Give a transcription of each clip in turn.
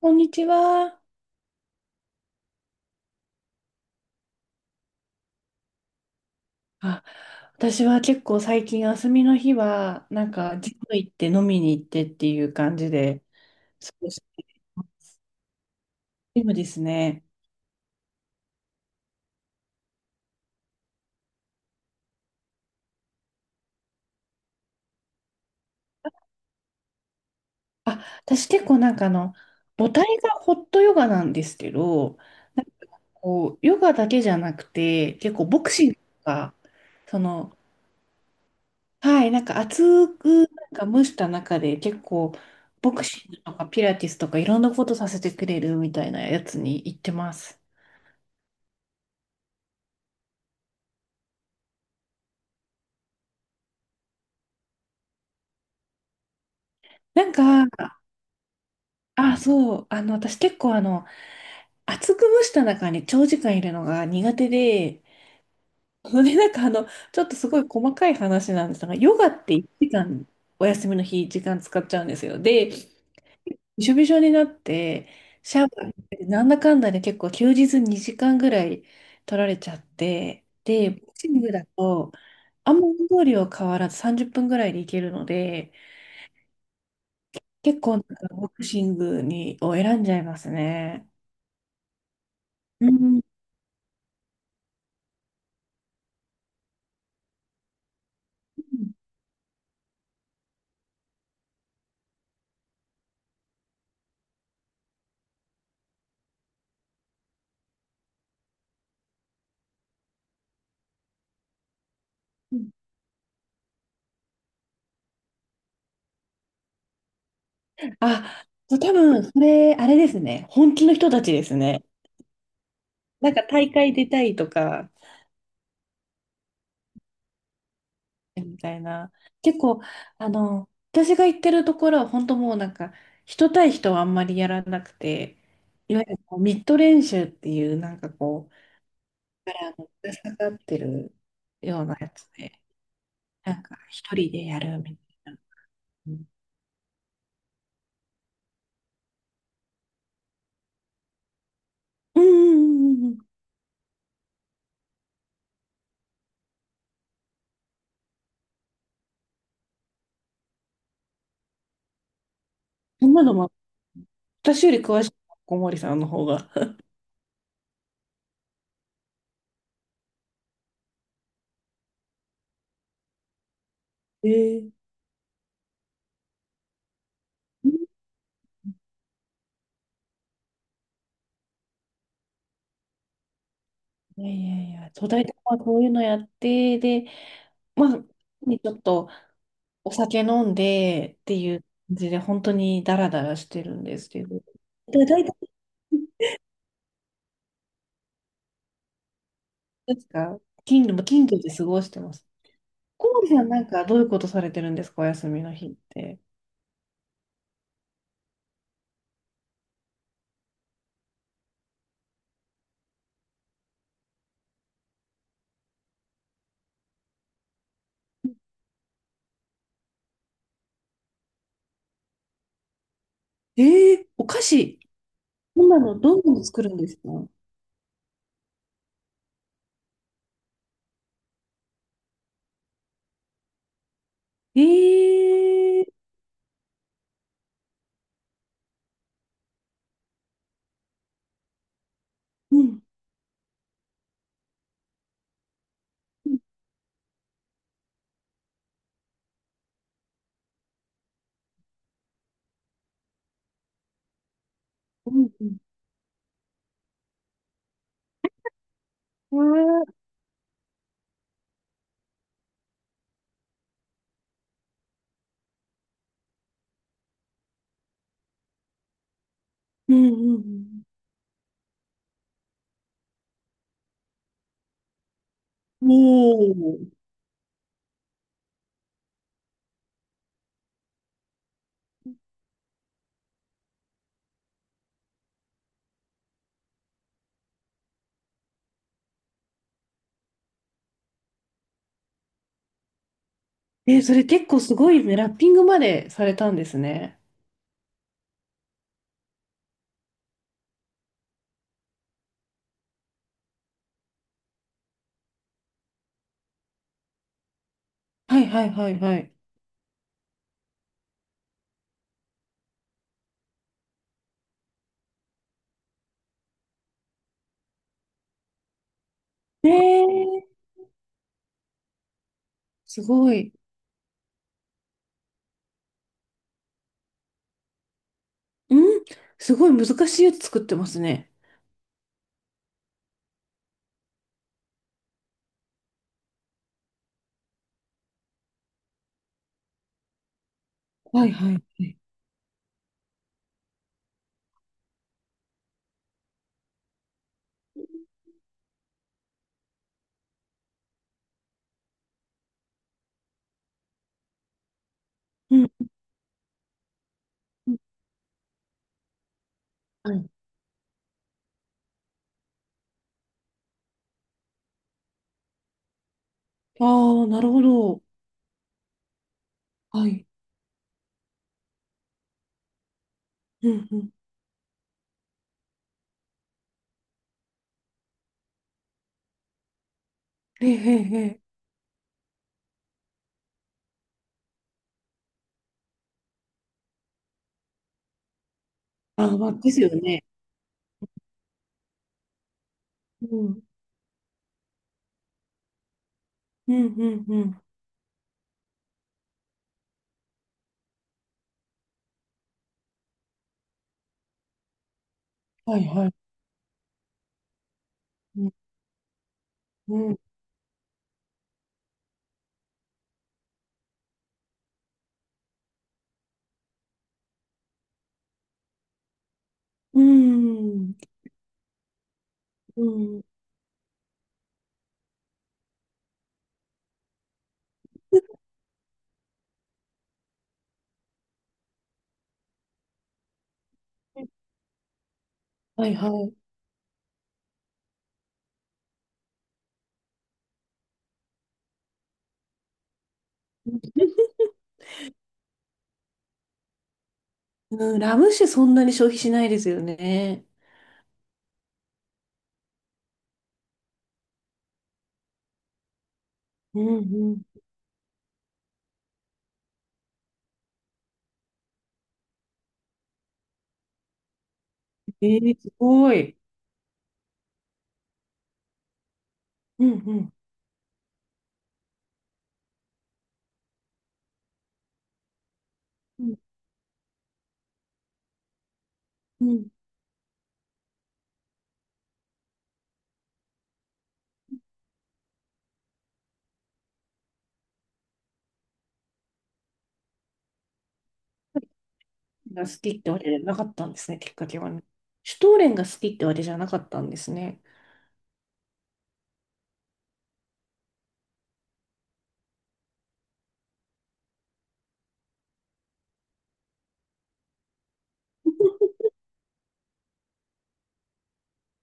こんにちは。あ、私は結構最近休みの日は、なんか、ジム行って飲みに行ってっていう感じで、過ごしています。ジムですね。あ、私結構なんか母体がホットヨガなんですけど、なんかこう、ヨガだけじゃなくて、結構ボクシングとか、その、はい、なんか熱くなんか蒸した中で結構、ボクシングとかピラティスとかいろんなことさせてくれるみたいなやつに行ってます。なんか、あ、そう、私結構厚く蒸した中に長時間いるのが苦手で、それで、なんかちょっとすごい細かい話なんですが、ヨガって1時間お休みの日時間使っちゃうんですよ。で、びしょびしょになって、シャワー浴びてなんだかんだで結構休日2時間ぐらい取られちゃって、で、ボクシングだと、あんま運動量変わらず30分ぐらいでいけるので、結構なんかボクシングを選んじゃいますね。うんうんうん。あ、そう多分、それ、あれですね。本気の人たちですね。なんか大会出たいとか、みたいな。結構、私が行ってるところは、本当もうなんか、人対人はあんまりやらなくて、いわゆるこうミッド練習っていう、なんかこう、からのぶら下がってるようなやつで、なんか、一人でやるみたいな。うんうんうんうんうん。そんなのも、私より詳しい、小森さんの方が。えー、いやいやいや、とだいたいまあこういうのやってで、まあにちょっとお酒飲んでっていう感じで本当にだらだらしてるんですっていう、でだいたいですか、金土も金土で過ごしてます。コーホさんはなんかどういうことされてるんですか？お休みの日って。ええ、お菓子。今どんどん作るんですか？ええ。うんうんうんうんうんうん。もう。えー、それ結構すごいね、ラッピングまでされたんですね。はいはいはいはい。えー、すごい。うん、すごい難しいやつ作ってますね。はいはいはい。うん。はい。ああ、なるほど。はい。うんうん。ええええ。ええ、ああ、まあ、ですよね。うん。うんうんうん。はいはい。うん。うん。うん。うん、はいはい。うん、ラム酒そんなに消費しないですよね。うん、えー、すごい。うんうん。うんうん、が好きってわけじゃなかったんですね、きっかけはね。シュトーレンが好きってわけじゃなかったんですね。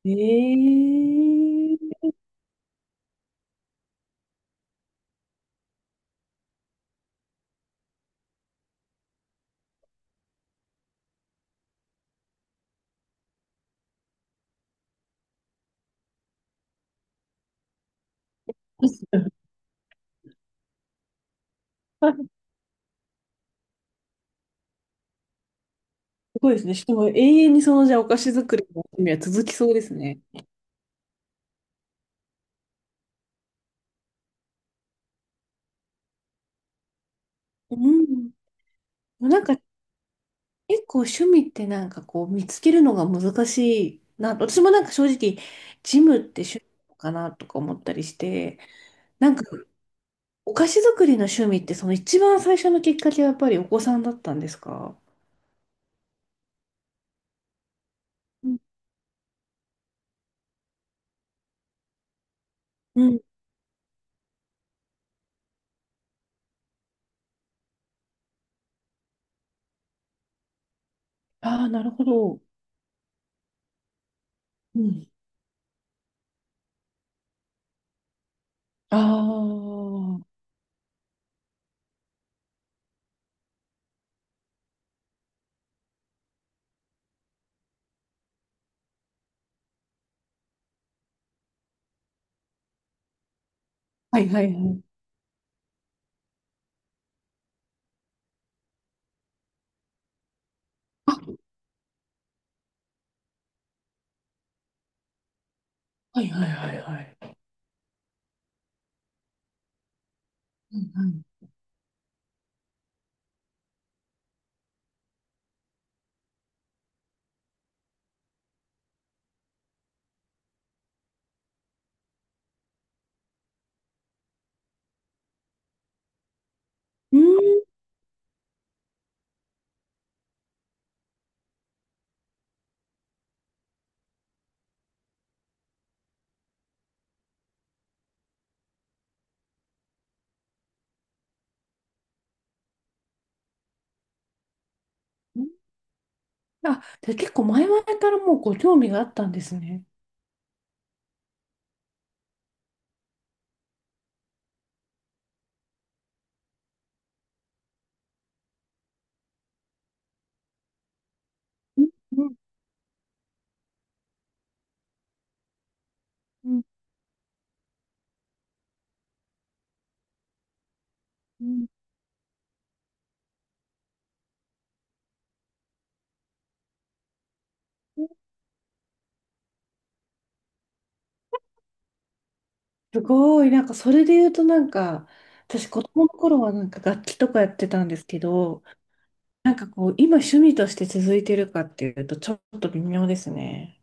えー、すごいですね。しかも永遠にじゃあお菓子作りの趣味は続きそうですね。うん、なんか結構趣味ってなんかこう見つけるのが難しいな。私もなんか正直ジムって趣味なのかなとか思ったりして、なんかお菓子作りの趣味って、その一番最初のきっかけはやっぱりお子さんだったんですか？うんうん。ああ、なるほど。うん。ああ、はいはいはい。あ、はいはいはいはい。うんうんうん。あ、じゃあ結構前々からもうご興味があったんですね。うんうんうんうん、すごい、なんかそれで言うとなんか、私子供の頃はなんか楽器とかやってたんですけど、なんかこう、今趣味として続いてるかっていうとちょっと微妙ですね。